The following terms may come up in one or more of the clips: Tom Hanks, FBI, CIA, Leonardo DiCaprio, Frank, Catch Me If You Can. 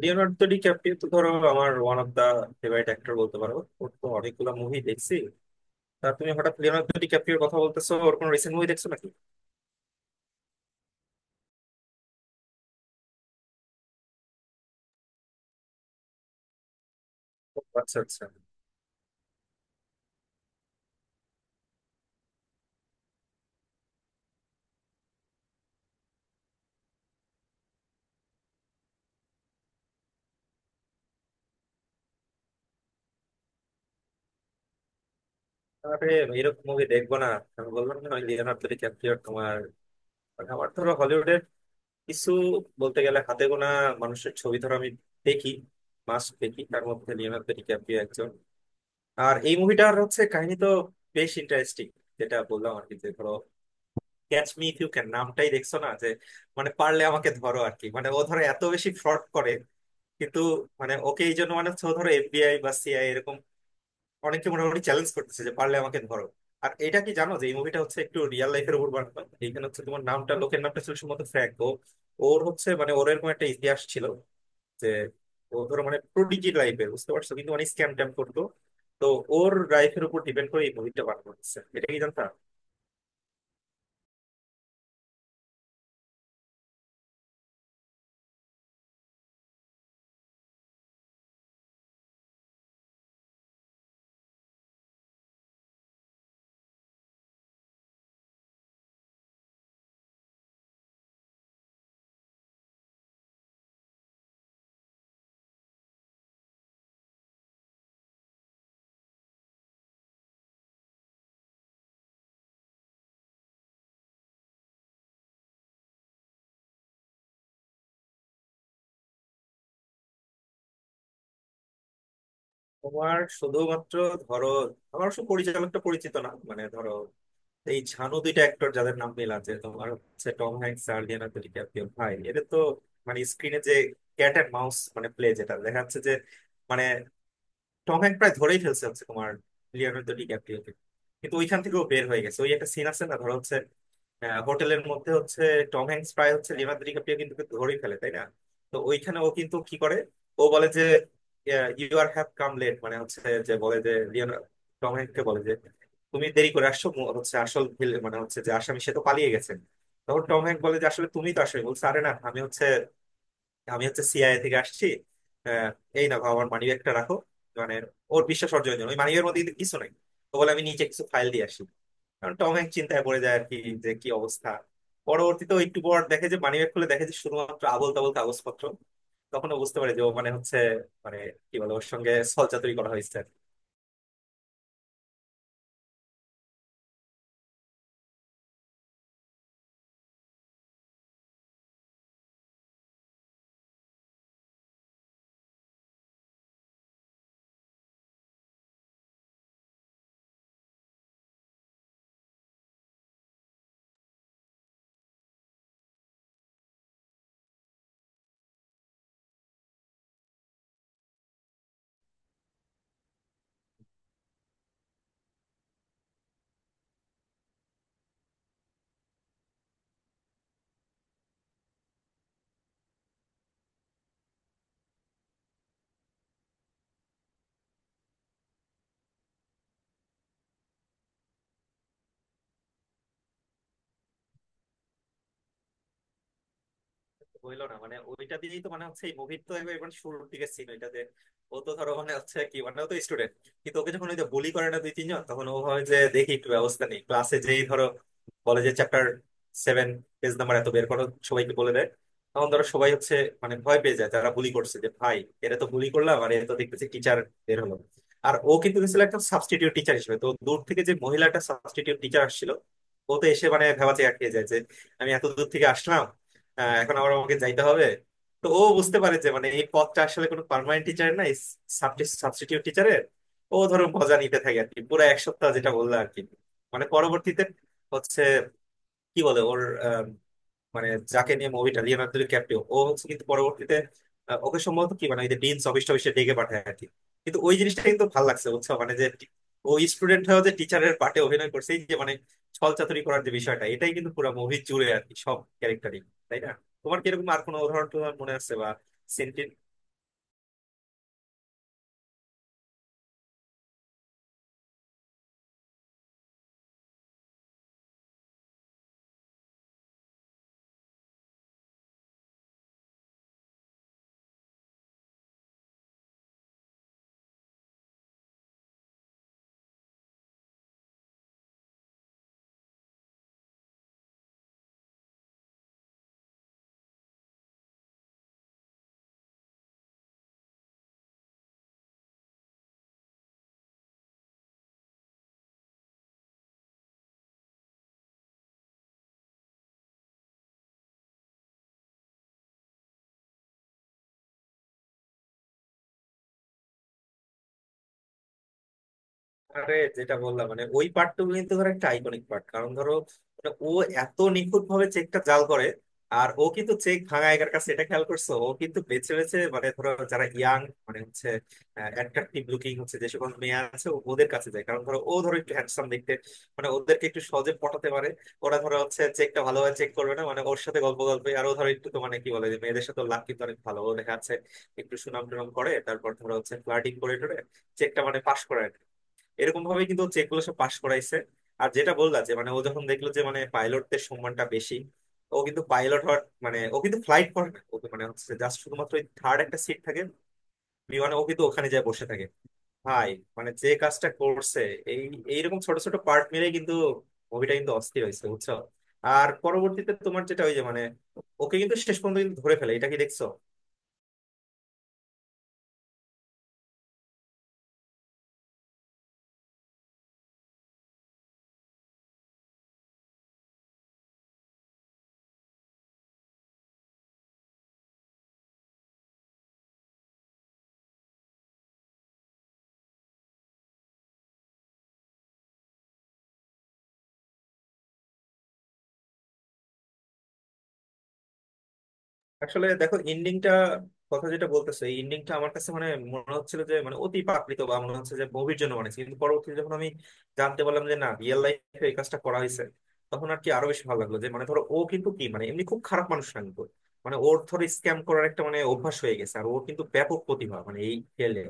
Leonardo DiCaprio তো ধরো আমার one of the favourite actor বলতে পারো। ওর তো অনেকগুলো মুভি দেখছি। তা তুমি হঠাৎ লিওনার্দো ডি ক্যাপ্রিওর কথা বলতেছো, ওর কোনো রিসেন্ট মুভি দেখছো নাকি? ও, আচ্ছা আচ্ছা। আরে এরকম মুভি দেখবো না? আমি বললাম না লিওনার্দো ডি ক্যাপ্রিওর, তোমার মানে আমার ধরো হলিউডের কিছু বলতে গেলে হাতে গোনা মানুষের ছবি ধরো আমি দেখি, মাস দেখি, তার মধ্যে লিওনার্দো ডি ক্যাপ্রিও একজন। আর এই মুভিটার হচ্ছে কাহিনী তো বেশ ইন্টারেস্টিং। যেটা বললাম আর কি, যে ধরো Catch Me If You Can নামটাই দেখছো না, যে মানে পারলে আমাকে ধরো আর কি। মানে ও ধরো এত বেশি ফ্রড করে কিন্তু, মানে ওকে এই জন্য মানে হচ্ছে ও ধরো এফবিআই বা সিআই এরকম অনেকে মোটামুটি চ্যালেঞ্জ করতেছে যে পারলে আমাকে ধরো। আর এটা কি জানো যে এই মুভিটা হচ্ছে একটু রিয়েল লাইফের উপর বানানো? এখানে হচ্ছে তোমার নামটা, লোকের নামটা ছিল সম্ভবত ফ্র্যাঙ্ক। ও ওর হচ্ছে মানে ওর এরকম একটা ইতিহাস ছিল যে ও ধরো মানে প্রোডিজি লাইফের, বুঝতে পারছো, কিন্তু মানে স্ক্যাম ট্যাম করতো। তো ওর লাইফের উপর ডিপেন্ড করে এই মুভিটা বানানো হচ্ছে, এটা কি জানতো? তোমার শুধুমাত্র ধরো, আমার অবশ্য পরিচালকটা পরিচিত না। মানে ধরো এই ঝানু দুইটা অ্যাক্টর যাদের নাম মিল আছে তোমার, হচ্ছে টম হ্যাঙ্কস আর লিওনার্দো ডিক্যাপ্রিও ভাই, এদের তো মানে স্ক্রিনে যে ক্যাট এন্ড মাউস মানে প্লে যেটা দেখা যাচ্ছে, যে মানে টম হ্যাঙ্ক প্রায় ধরেই ফেলছে হচ্ছে তোমার লিওনার্দো ডিক্যাপ্রিওকে কিন্তু ওইখান থেকেও বের হয়ে গেছে। ওই একটা সিন আছে না, ধরো হচ্ছে হোটেলের মধ্যে হচ্ছে টম হ্যাঙ্কস প্রায় হচ্ছে, লিওনার্দো ডিক্যাপ্রিও কিন্তু ওকে ধরেই ফেলে তাই না? তো ওইখানে ও কিন্তু কি করে, ও বলে যে you are have come late, মানে হচ্ছে যে বলে যে লিওনার্দো টম হ্যাঙ্ককে বলে যে তুমি দেরি করে আসছো, হচ্ছে আসল মানে হচ্ছে যে আসামি সে তো পালিয়ে গেছে। তখন টম হ্যাঙ্ক বলে যে আসলে তুমি তো, আসলে বলছে আরে না আমি হচ্ছে, আমি হচ্ছে সিআইএ থেকে আসছি। আহ, এই না বাবা আমার মানিব্যাগটা রাখো। মানে ওর বিশ্বাস অর্জনের জন্য, ওই মানিব্যাগের মধ্যে কিন্তু কিছু নাই। তো বলে আমি নিচে কিছু ফাইল দিয়ে আসি, কারণ টম হ্যাঙ্ক চিন্তায় পড়ে যায় আর কি, যে কি অবস্থা। পরবর্তীতে ও একটু পর দেখে, যে মানিব্যাগ খুলে দেখে যে শুধুমাত্র আবোল তাবোল কাগজপত্র। তখন ও বুঝতে পারে যে ও মানে হচ্ছে মানে কি বলে, ওর সঙ্গে ছলচাতুরি করা হয়েছে। বললো না, মানে ওইটা দিয়েই তো মানে হচ্ছে এই মুভির তো একবার মানে শুরুর দিকে সিন ওইটা, যে ও তো ধরো মানে হচ্ছে কি মানে ও তো স্টুডেন্ট কিন্তু ওকে যখন ওই যে বুলি করে না দুই তিনজন, তখন ও হয় যে দেখি একটু ব্যবস্থা নেই ক্লাসে। যেই ধরো বলে যে চ্যাপ্টার 7, পেজ নাম্বার এত বের করো, সবাইকে বলে দেয়, তখন ধরো সবাই হচ্ছে মানে ভয় পেয়ে যায়। যারা বুলি করছে, যে ভাই এরা তো বুলি করলাম, আর এরা তো দেখতেছি টিচার বের হলো। আর ও কিন্তু গেছিল একটা সাবস্টিটিউট টিচার হিসেবে। তো দূর থেকে যে মহিলাটা সাবস্টিটিউট টিচার আসছিল, ও তো এসে মানে ভেবাচে আটকে যায় যে আমি এত দূর থেকে আসলাম, হ্যাঁ, এখন আবার আমাকে যাইতে হবে। তো ও বুঝতে পারে যে মানে এই পদটা আসলে কোনো পার্মানেন্ট টিচার না, সাবস্টিটিউট টিচারের। ও ধরো মজা নিতে থাকে আর কি পুরো এক সপ্তাহ, যেটা বললো আর কি। মানে পরবর্তীতে হচ্ছে কি বলে ওর, মানে যাকে নিয়ে মুভিটা, লিওনার্দো ক্যাপ্রিও ও হচ্ছে কিন্তু পরবর্তীতে ওকে সম্ভবত কি মানে ওই যে ডিনস অফিস টফিসে ডেকে পাঠায় আর কি। কিন্তু ওই জিনিসটা কিন্তু ভালো লাগছে বুঝছো, মানে যে ও স্টুডেন্ট হয়েও যে টিচারের পার্টে অভিনয় করছে। এই যে মানে ছল চাতুরি করার যে বিষয়টা, এটাই কিন্তু পুরো মুভি জুড়ে আর কি, সব ক্যারেক্টারই, তাই না? তোমার কি এরকম আর কোনো উদাহরণ টুদাহরণ মনে আছে বা? আরে, যেটা বললাম মানে ওই পার্টটুকু কিন্তু ধর একটা আইকনিক পার্ট, কারণ ধরো ওটা ও এত নিখুঁত ভাবে চেকটা জাল করে। আর ও কিন্তু চেক ভাঙা একার কাছে, এটা খেয়াল করছো? ও কিন্তু বেছে বেছে মানে ধরো যারা ইয়াং মানে হচ্ছে অ্যাট্রাকটিভ লুকিং হচ্ছে, যে সকল মেয়ে আছে ওদের কাছে যায়, কারণ ধরো ও ধরো একটু হ্যান্ডসাম দেখতে, মানে ওদেরকে একটু সহজে পটাতে পারে। ওরা ধরো হচ্ছে চেকটা ভালোভাবে চেক করবে না, মানে ওর সাথে গল্প গল্পে, আর ও ধরো একটু তো মানে কি বলে যে মেয়েদের সাথে লাভ কিন্তু অনেক ভালো ও দেখা যাচ্ছে, একটু সুনাম টুনাম করে তারপর ধরো হচ্ছে ফ্লার্টিং করে টোরে চেকটা মানে পাশ করে। এরকম ভাবে কিন্তু হচ্ছে এগুলো সব পাশ করাইছে। আর যেটা বললা যে মানে ও যখন দেখলো যে মানে পাইলটদের সম্মানটা বেশি, ও কিন্তু পাইলট হওয়ার, মানে ও কিন্তু ফ্লাইট করে না, ও তো মানে হচ্ছে জাস্ট শুধুমাত্র ওই থার্ড একটা সিট থাকে বিমানে, ও কিন্তু ওখানে যায় বসে থাকে ভাই। মানে যে কাজটা করছে, এই এইরকম ছোট ছোট পার্ট মিলে কিন্তু মুভিটা কিন্তু অস্থির হয়েছে বুঝছো। আর পরবর্তীতে তোমার যেটা ওই যে মানে ওকে কিন্তু শেষ পর্যন্ত কিন্তু ধরে ফেলে, এটা কি দেখছো? আসলে দেখো এন্ডিংটা, কথা যেটা বলতেছে, এই এন্ডিংটা আমার কাছে মানে মনে হচ্ছিল যে মানে অতি প্রাকৃত বা মনে হচ্ছে যে মুভির জন্য বানিয়েছে, কিন্তু পরবর্তীতে যখন আমি জানতে পারলাম যে না, রিয়েল লাইফে এই কাজটা করা হয়েছে, তখন আর কি আরো বেশি ভালো লাগলো, যে মানে ধরো ও কিন্তু কি মানে এমনি খুব খারাপ মানুষ না কিন্তু মানে ওর ধরো স্ক্যাম করার একটা মানে অভ্যাস হয়ে গেছে আর ওর কিন্তু ব্যাপক প্রতিভা মানে এই ফিল্ডে,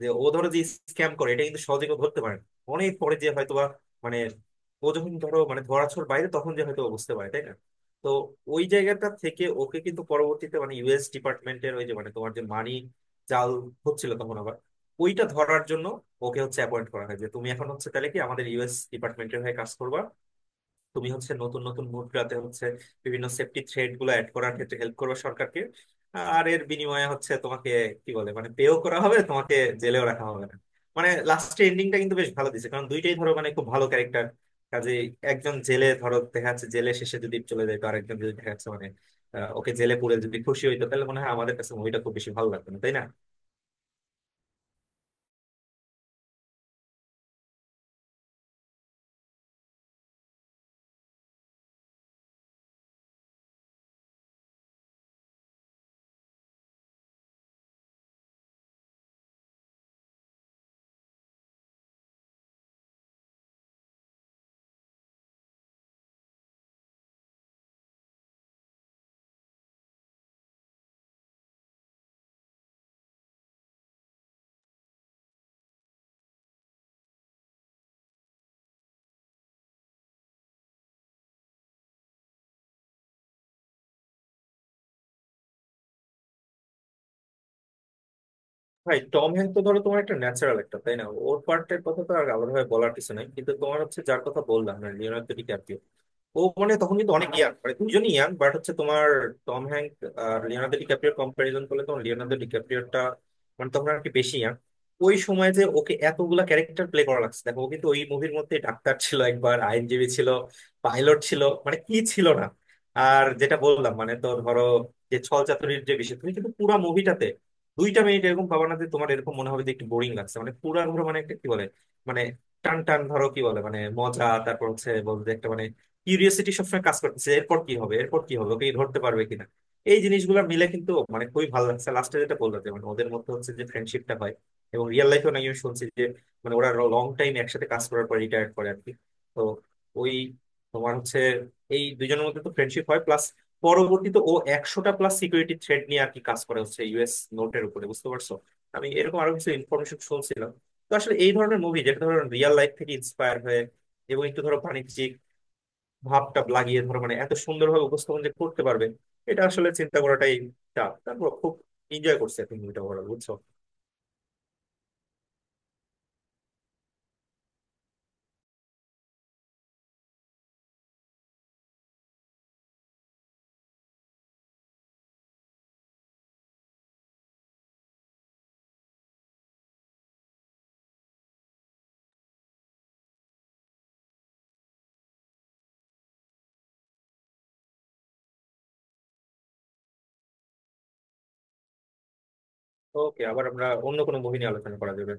যে ও ধরো যে স্ক্যাম করে এটা কিন্তু সহজে কেউ ধরতে পারে না। অনেক পরে যে হয়তোবা মানে ও যখন ধরো মানে ধরাছোঁয়ার বাইরে, তখন যে হয়তো ও বুঝতে পারে, তাই না? তো ওই জায়গাটা থেকে ওকে কিন্তু পরবর্তীতে মানে ইউএস ডিপার্টমেন্টের ওই যে মানে তোমার যে মানি জাল হচ্ছিল তখন আবার, ওইটা ধরার জন্য ওকে হচ্ছে অ্যাপয়েন্ট করা হয় যে তুমি এখন হচ্ছে তাহলে কি আমাদের ইউএস ডিপার্টমেন্টের হয়ে কাজ করবা? তুমি হচ্ছে নতুন নতুন মুদ্রাতে হচ্ছে বিভিন্ন সেফটি থ্রেড গুলো অ্যাড করার ক্ষেত্রে হেল্প করবে সরকারকে। আর এর বিনিময়ে হচ্ছে তোমাকে কি বলে মানে পেও করা হবে তোমাকে, জেলেও রাখা হবে না। মানে লাস্টের এন্ডিংটা কিন্তু বেশ ভালো দিছে, কারণ দুইটাই ধরো মানে খুব ভালো ক্যারেক্টার কাজে। একজন জেলে ধরো দেখা যাচ্ছে জেলে শেষে যদি চলে যায়, তো আরেকজন যদি দেখা যাচ্ছে মানে ওকে জেলে পুরে যদি খুশি হইতো, তাহলে মনে হয় আমাদের কাছে মুভিটা খুব বেশি ভালো লাগতো না, তাই না? ভাই টম হ্যাঙ্ক তো ধরো তোমার একটা ন্যাচারাল একটা, তাই না? ওর পার্টের কথা তো আর আলাদাভাবে বলার কিছু নাই। কিন্তু তোমার হচ্ছে যার কথা বললাম না, লিওনার্দো ডিক্যাপ্রিও, ও মানে তখন কিন্তু অনেক ইয়াং, মানে দুজনই ইয়াং বাট হচ্ছে তোমার টম হ্যাঙ্ক আর লিওনার্দো ডিক্যাপ্রিওর কম্পারিজন করলে, তখন লিওনার্দো ডিক্যাপ্রিওরটা মানে তখন আর কি বেশি ইয়াং। ওই সময় যে ওকে এতগুলা ক্যারেক্টার প্লে করা লাগছে, দেখো ও কিন্তু ওই মুভির মধ্যে ডাক্তার ছিল, একবার আইনজীবী ছিল, পাইলট ছিল, মানে কি ছিল না! আর যেটা বললাম, মানে তো ধরো যে ছল চাতুরির যে বিষয়, তুমি কিন্তু পুরো মুভিটাতে দুইটা মিনিট এরকম পাবা না যে তোমার এরকম মনে হবে যে একটু বোরিং লাগছে। মানে পুরা ধরো মানে একটা কি বলে মানে টান টান ধরো কি বলে মানে মজা, তারপর হচ্ছে বলতে একটা মানে কিউরিয়াসিটি সবসময় কাজ করতেছে, এরপর কি হবে এরপর কি হবে, ওকে ধরতে পারবে কিনা। এই জিনিসগুলো মিলে কিন্তু মানে খুবই ভালো লাগছে। লাস্টে যেটা বললো যে মানে ওদের মধ্যে হচ্ছে যে ফ্রেন্ডশিপটা হয়, এবং রিয়েল লাইফেও নাকি আমি শুনছি যে মানে ওরা লং টাইম একসাথে কাজ করার পর রিটায়ার করে আর কি। তো ওই তোমার হচ্ছে এই দুজনের মধ্যে তো ফ্রেন্ডশিপ হয় প্লাস পরবর্তীতে ও 100টা প্লাস সিকিউরিটি থ্রেড নিয়ে আর কি কাজ করে হচ্ছে ইউএস নোটের উপরে, বুঝতে পারছো? আমি এরকম আরো কিছু ইনফরমেশন শুনছিলাম। তো আসলে এই ধরনের মুভি যেটা ধরো রিয়েল লাইফ থেকে ইন্সপায়ার হয়ে এবং একটু ধরো বাণিজ্যিক ভাবটা লাগিয়ে ধরো মানে এত সুন্দরভাবে উপস্থাপন যে করতে পারবে, এটা আসলে চিন্তা করাটাই চাপ। তারপর খুব এনজয় করছে এখন মুভিটা ওভারঅল, বুঝছো? ওকে, আবার আমরা অন্য কোনো মুভি নিয়ে আলোচনা করা যাবে।